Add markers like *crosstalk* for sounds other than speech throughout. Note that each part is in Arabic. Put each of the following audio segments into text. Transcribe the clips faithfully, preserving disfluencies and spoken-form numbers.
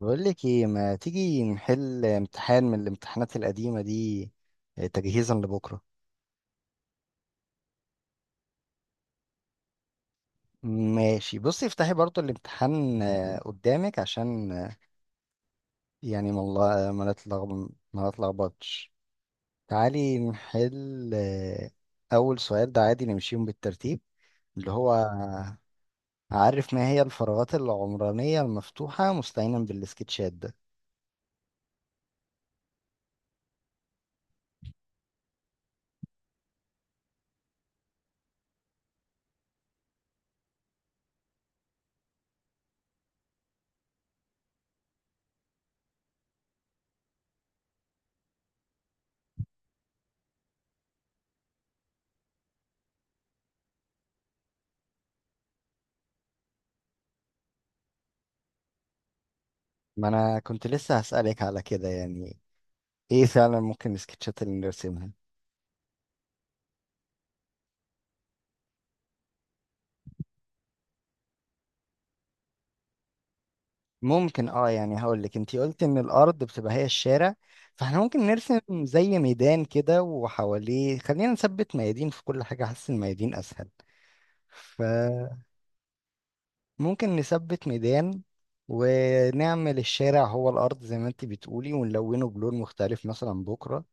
بقول لك ايه، ما تيجي نحل امتحان من الامتحانات القديمة دي، آه، تجهيزا لبكرة. ماشي، بصي افتحي برضو الامتحان آه، قدامك، عشان آه، يعني ما الله- ما نتلغ- ما نتلخبطش. تعالي نحل، آه، اول سؤال ده عادي، نمشيهم بالترتيب، اللي هو: عارف ما هي الفراغات العمرانية المفتوحة مستعينا بالسكتشات؟ ده ما انا كنت لسه هسألك على كده، يعني ايه فعلا ممكن السكتشات اللي نرسمها؟ ممكن. اه يعني هقول لك، انتي قلت ان الارض بتبقى هي الشارع، فاحنا ممكن نرسم زي ميدان كده وحواليه. خلينا نثبت ميادين في كل حاجة، حاسس الميادين اسهل. فممكن نثبت ميدان، ونعمل الشارع هو الارض زي ما انتي بتقولي ونلونه بلون مختلف مثلا بكرة،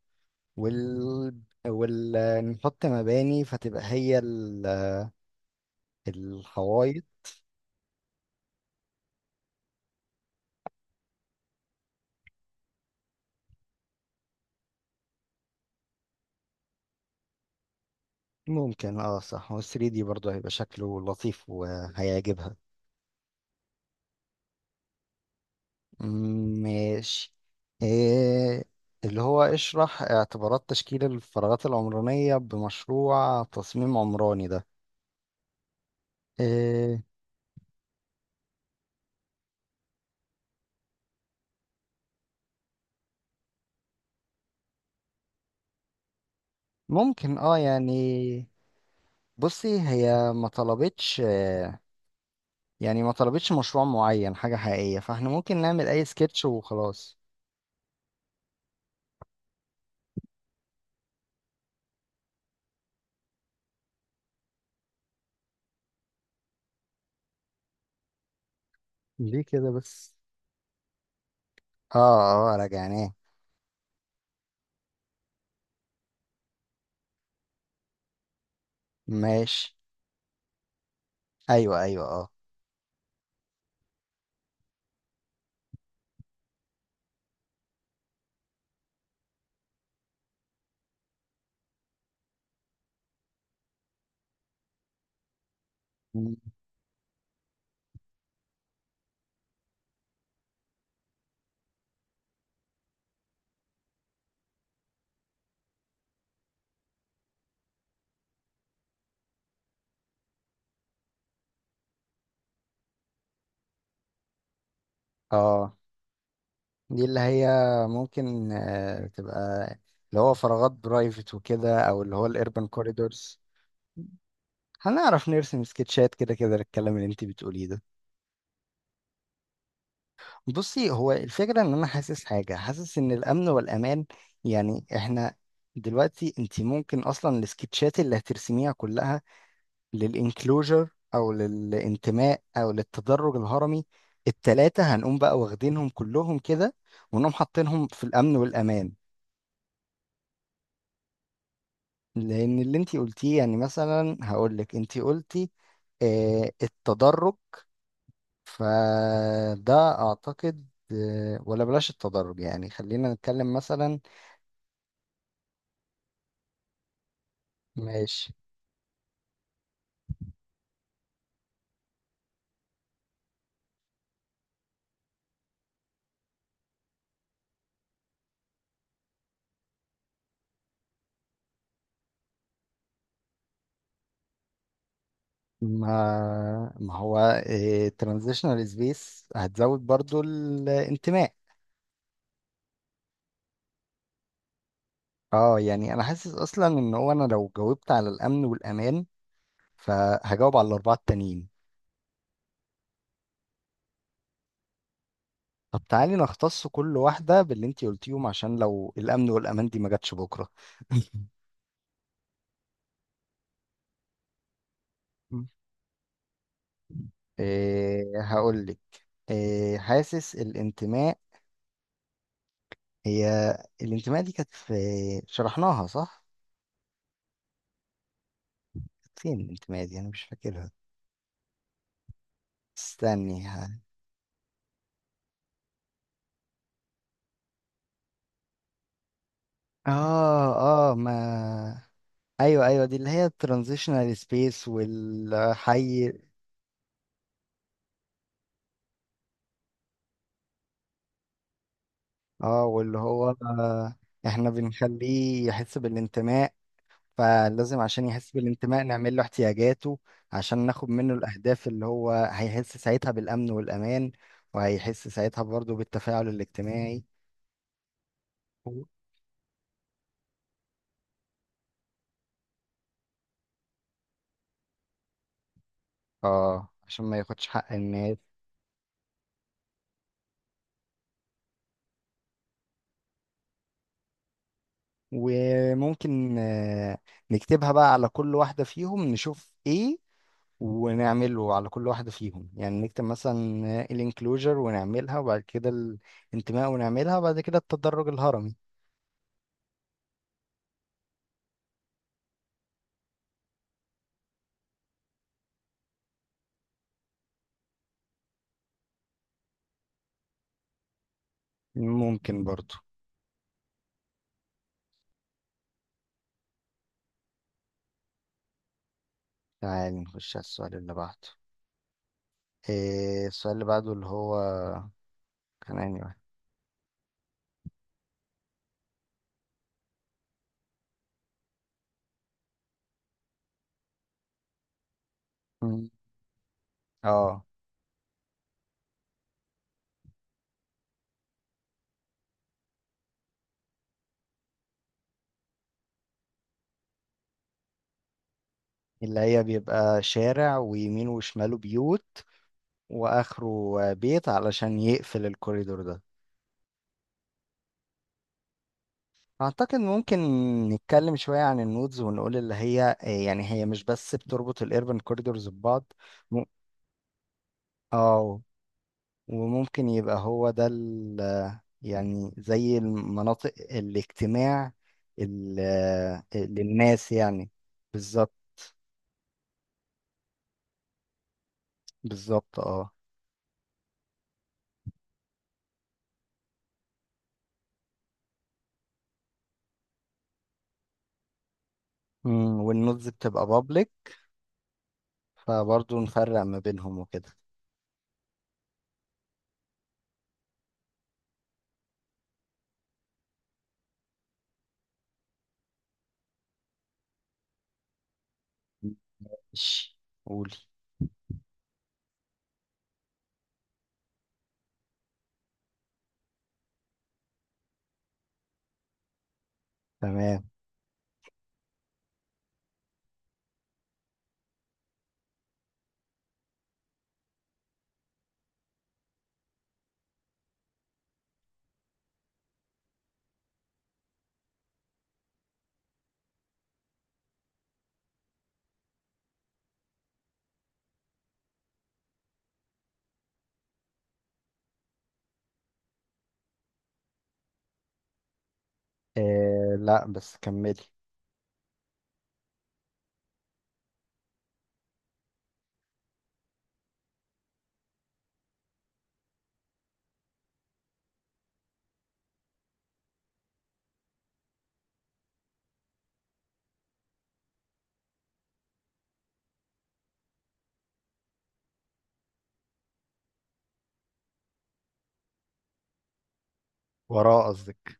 وال ونحط مباني فتبقى هي ال- الحوايط. ممكن. اه صح، وال ثري دي برضه هيبقى شكله لطيف وهيعجبها. مم، ماشي. إيه اللي هو؟ اشرح اعتبارات تشكيل الفراغات العمرانية بمشروع تصميم عمراني. ده إيه؟ ممكن. اه يعني بصي، هي ما طلبتش، آه، يعني ما طلبتش مشروع معين حاجة حقيقية، فاحنا ممكن نعمل اي سكتش وخلاص. ليه كده بس؟ اه، اه راجعناه. ماشي. ايوه، ايوه، اه. مم. اه، دي اللي هي ممكن آه، تبقى اللي هو فراغات برايفت وكده، او اللي هو الاربن كوريدورز. هنعرف نرسم سكتشات كده كده للكلام اللي انت بتقوليه ده. بصي، هو الفكرة ان انا حاسس حاجة حاسس ان الامن والامان، يعني احنا دلوقتي انت ممكن اصلا السكتشات اللي هترسميها كلها، للانكلوجر او للانتماء او للتدرج الهرمي، التلاتة هنقوم بقى واخدينهم كلهم كده ونقوم حاطينهم في الامن والامان. لان اللي انتي قلتيه يعني، مثلا هقولك انتي قلتي آه، التدرج، فده اعتقد آه، ولا بلاش التدرج، يعني خلينا نتكلم مثلا. ماشي. ما ما هو ترانزيشنال سبيس هتزود برضو الانتماء. اه يعني انا حاسس اصلا ان هو، انا لو جاوبت على الامن والامان فهجاوب على الاربعه التانيين. طب تعالي نختص كل واحدة باللي انتي قلتيهم، عشان لو الامن والامان دي ما جاتش بكره. *laughs* إيه، هقول لك. إيه، حاسس الانتماء هي، الانتماء دي كانت في، شرحناها صح؟ كانت فين الانتماء دي؟ انا مش فاكرها، استني ها. اه، اه ما، ايوه ايوه، دي اللي هي الترانزيشنال سبيس والحي. اه، واللي هو آه، احنا بنخليه يحس بالانتماء، فلازم عشان يحس بالانتماء نعمل له احتياجاته، عشان ناخد منه الأهداف اللي هو هيحس ساعتها بالأمن والأمان، وهيحس ساعتها برضه بالتفاعل الاجتماعي. اه، عشان ما ياخدش حق الناس. وممكن آه، نكتبها بقى على كل واحدة فيهم نشوف ايه، ونعمله على كل واحدة فيهم، يعني نكتب مثلا آه، الانكلوجر ونعملها، وبعد كده الانتماء ونعملها، وبعد كده التدرج الهرمي. ممكن برضو. تعال نخش على السؤال اللي بعده. إيه السؤال اللي بعده؟ اللي هو كان انهي واحد؟ مم. اه، اللي هي بيبقى شارع ويمينه وشماله بيوت، واخره بيت علشان يقفل الكوريدور ده. اعتقد ممكن نتكلم شوية عن النودز، ونقول اللي هي إيه، يعني هي مش بس بتربط الايربن كوريدورز ببعض. م- اه. وممكن يبقى هو ده ال- يعني زي المناطق الاجتماع ال- آه، للناس يعني. بالظبط. بالظبط، اه. مم، والنودز بتبقى بابليك، فبرضه نفرق ما بينهم وكده. ماشي، قولي. تمام. آه لا بس كملي. وراه قصدك؟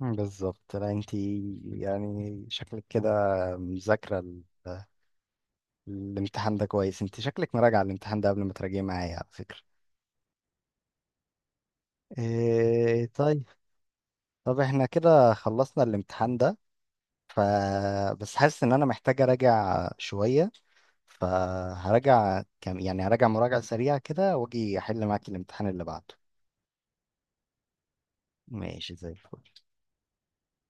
بالظبط. لا انتي يعني شكلك كده مذاكرة ال- الامتحان ده كويس، انتي شكلك مراجعة الامتحان ده قبل ما تراجعي معايا على فكرة. إيه طيب. طب احنا كده خلصنا الامتحان ده، ف بس حاسس ان انا محتاج اراجع شوية، فهراجع كم، يعني هراجع مراجعة سريعة كده واجي احل معاك الامتحان اللي بعده. ماشي زي الفل.